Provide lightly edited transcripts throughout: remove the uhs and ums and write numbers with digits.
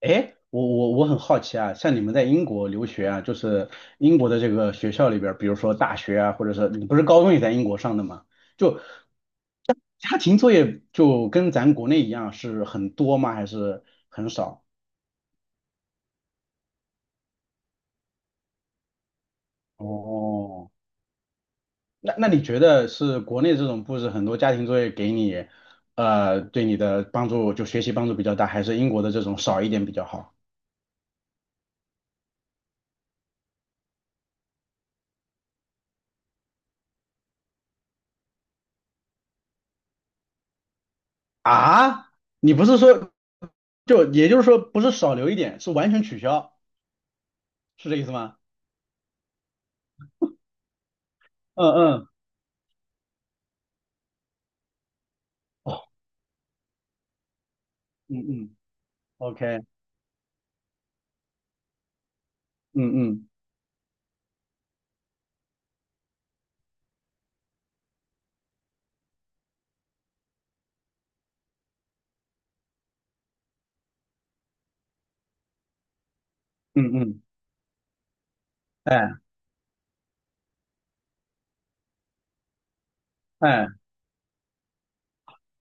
哎，我很好奇啊，像你们在英国留学啊，就是英国的这个学校里边儿，比如说大学啊，或者是你不是高中也在英国上的吗？就家庭作业就跟咱国内一样是很多吗？还是很少？哦，那你觉得是国内这种布置很多家庭作业给你，对你的帮助就学习帮助比较大，还是英国的这种少一点比较好？啊，你不是说就也就是说不是少留一点，是完全取消？是这意思吗？嗯嗯，哦，嗯嗯，OK，嗯嗯嗯嗯，哎哎，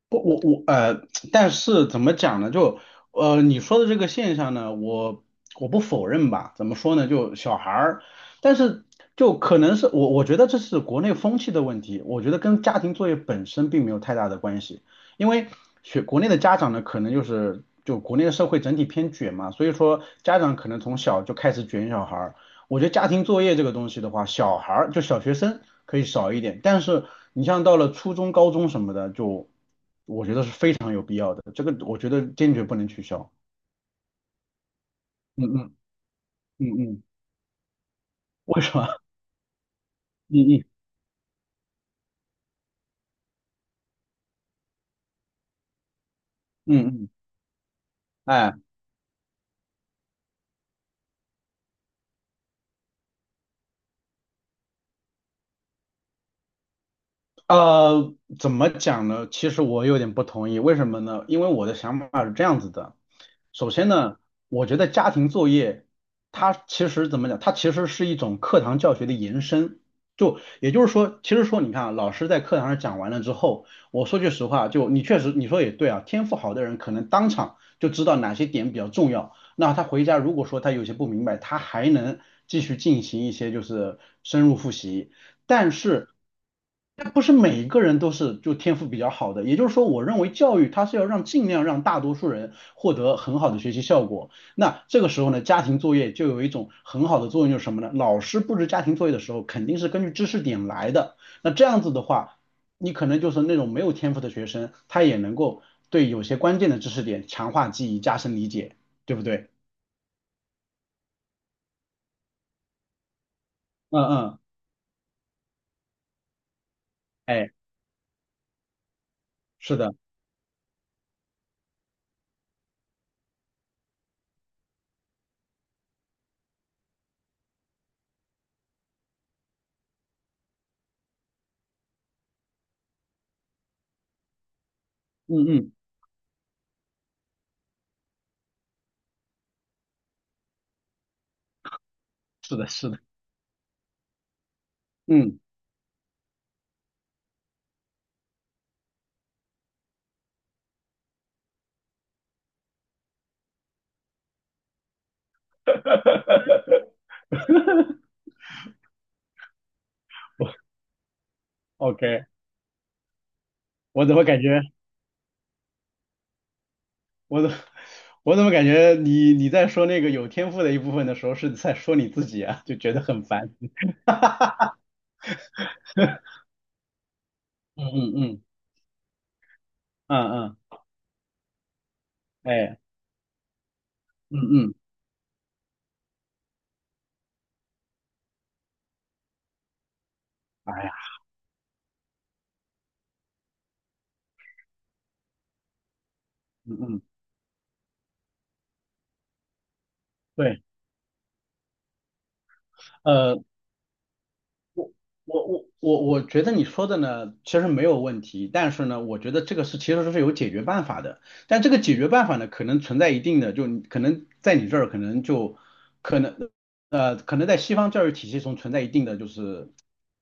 不，我但是怎么讲呢？就你说的这个现象呢，我不否认吧？怎么说呢？就小孩儿，但是就可能是我觉得这是国内风气的问题，我觉得跟家庭作业本身并没有太大的关系，因为学国内的家长呢，可能就是就国内的社会整体偏卷嘛，所以说家长可能从小就开始卷小孩儿。我觉得家庭作业这个东西的话，小孩儿就小学生可以少一点，但是你像到了初中、高中什么的，就我觉得是非常有必要的。这个我觉得坚决不能取消。嗯嗯嗯嗯，为什么？嗯嗯嗯嗯，哎。怎么讲呢？其实我有点不同意，为什么呢？因为我的想法是这样子的。首先呢，我觉得家庭作业它其实怎么讲？它其实是一种课堂教学的延伸。就也就是说，其实说你看啊老师在课堂上讲完了之后，我说句实话，就你确实你说也对啊，天赋好的人可能当场就知道哪些点比较重要。那他回家如果说他有些不明白，他还能继续进行一些就是深入复习。但是那不是每一个人都是就天赋比较好的，也就是说，我认为教育它是要让尽量让大多数人获得很好的学习效果。那这个时候呢，家庭作业就有一种很好的作用，就是什么呢？老师布置家庭作业的时候，肯定是根据知识点来的。那这样子的话，你可能就是那种没有天赋的学生，他也能够对有些关键的知识点强化记忆、加深理解，对不对？嗯嗯，哎，是的，嗯嗯，是的，是的，嗯，OK，我怎么感觉？我怎 我怎么感觉你在说那个有天赋的一部分的时候是在说你自己啊，就觉得很烦。嗯嗯嗯嗯嗯，哎，嗯嗯，哎呀，嗯嗯，对，呃，我觉得你说的呢，其实没有问题，但是呢，我觉得这个是其实是有解决办法的，但这个解决办法呢，可能存在一定的，就你可能在你这儿可能就。可能。可能在西方教育体系中存在一定的就是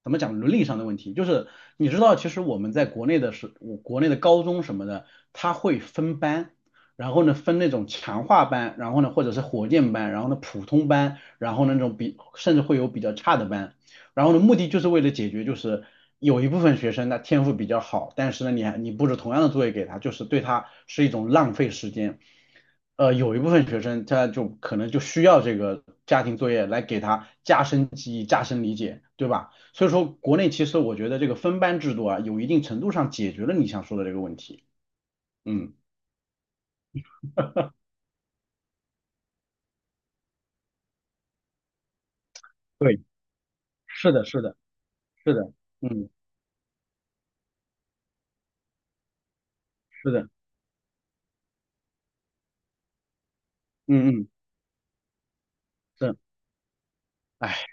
怎么讲伦理上的问题，就是你知道，其实我们在国内的是，我国内的高中什么的，他会分班，然后呢分那种强化班，然后呢或者是火箭班，然后呢普通班，然后呢那种比甚至会有比较差的班，然后呢目的就是为了解决就是有一部分学生他天赋比较好，但是呢你还你布置同样的作业给他，就是对他是一种浪费时间。有一部分学生他就可能就需要这个家庭作业来给他加深记忆、加深理解，对吧？所以说，国内其实我觉得这个分班制度啊，有一定程度上解决了你想说的这个问题。嗯，对，是的，是的，是的，嗯，是的，嗯嗯，是，哎。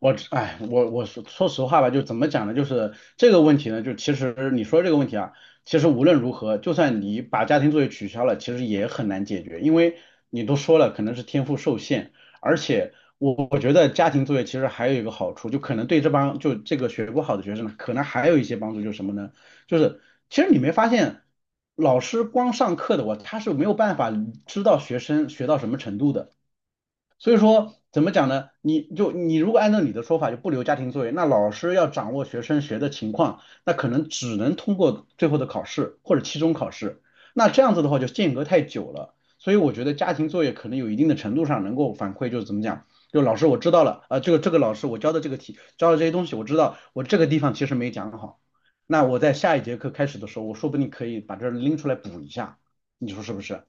我说说实话吧，就怎么讲呢？就是这个问题呢，就其实你说这个问题啊，其实无论如何，就算你把家庭作业取消了，其实也很难解决，因为你都说了，可能是天赋受限，而且我觉得家庭作业其实还有一个好处，就可能对这帮就这个学不好的学生呢，可能还有一些帮助，就是什么呢？就是其实你没发现，老师光上课的我，他是没有办法知道学生学到什么程度的。所以说，怎么讲呢？你就你如果按照你的说法，就不留家庭作业，那老师要掌握学生学的情况，那可能只能通过最后的考试或者期中考试。那这样子的话，就间隔太久了。所以我觉得家庭作业可能有一定的程度上能够反馈，就是怎么讲，就老师我知道了，啊、这个这个老师我教的这个题，教的这些东西我知道，我这个地方其实没讲好。那我在下一节课开始的时候，我说不定可以把这拎出来补一下，你说是不是？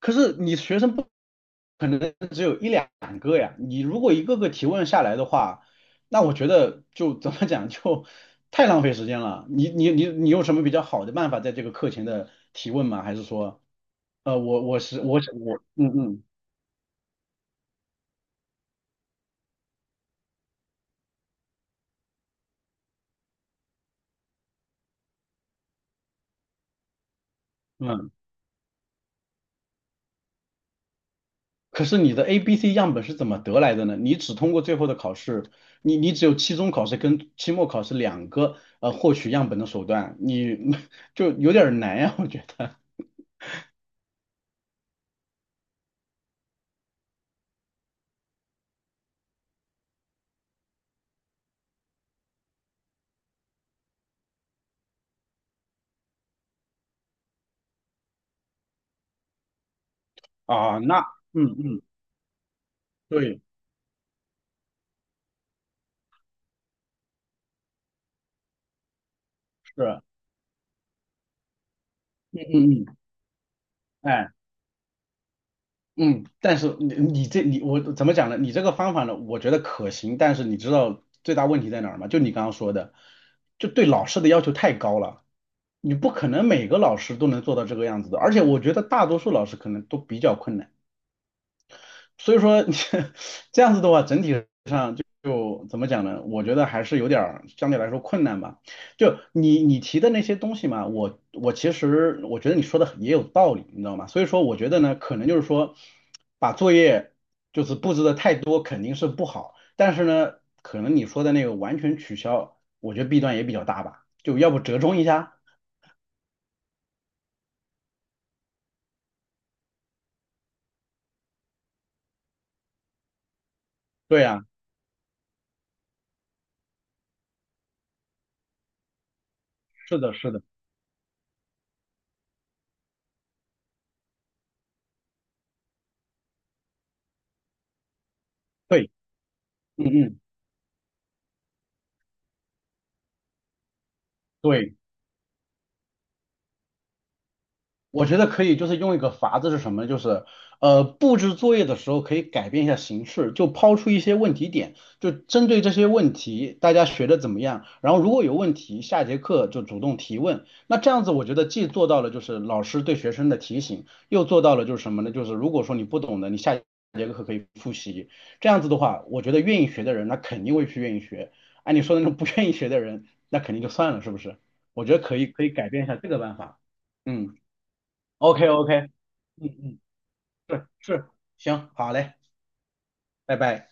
可是你学生不可能只有一两个呀，你如果一个个提问下来的话，那我觉得就怎么讲就 太浪费时间了。你有什么比较好的办法在这个课前的提问吗？还是说，我嗯嗯嗯，可是你的 A、B、C 样本是怎么得来的呢？你只通过最后的考试，你只有期中考试跟期末考试两个获取样本的手段，你 就有点儿难呀，我觉得啊，那嗯嗯，对。是，嗯嗯嗯，哎，嗯，但是你我怎么讲呢？你这个方法呢，我觉得可行，但是你知道最大问题在哪儿吗？就你刚刚说的，就对老师的要求太高了，你不可能每个老师都能做到这个样子的，而且我觉得大多数老师可能都比较困难，所以说 这样子的话，整体就怎么讲呢？我觉得还是有点儿相对来说困难吧。就你提的那些东西嘛，我其实我觉得你说的也有道理，你知道吗？所以说我觉得呢，可能就是说把作业就是布置的太多肯定是不好，但是呢，可能你说的那个完全取消，我觉得弊端也比较大吧。就要不折中一下？对啊，是的，是的，对，嗯嗯，对。我觉得可以，就是用一个法子是什么？就是布置作业的时候可以改变一下形式，就抛出一些问题点，就针对这些问题，大家学的怎么样？然后如果有问题，下节课就主动提问。那这样子，我觉得既做到了就是老师对学生的提醒，又做到了就是什么呢？就是如果说你不懂的，你下节课可以复习。这样子的话，我觉得愿意学的人，那肯定会去愿意学。按你说的那种不愿意学的人，那肯定就算了，是不是？我觉得可以，可以改变一下这个办法。嗯。OK OK，嗯嗯，是是，行，好嘞，拜拜。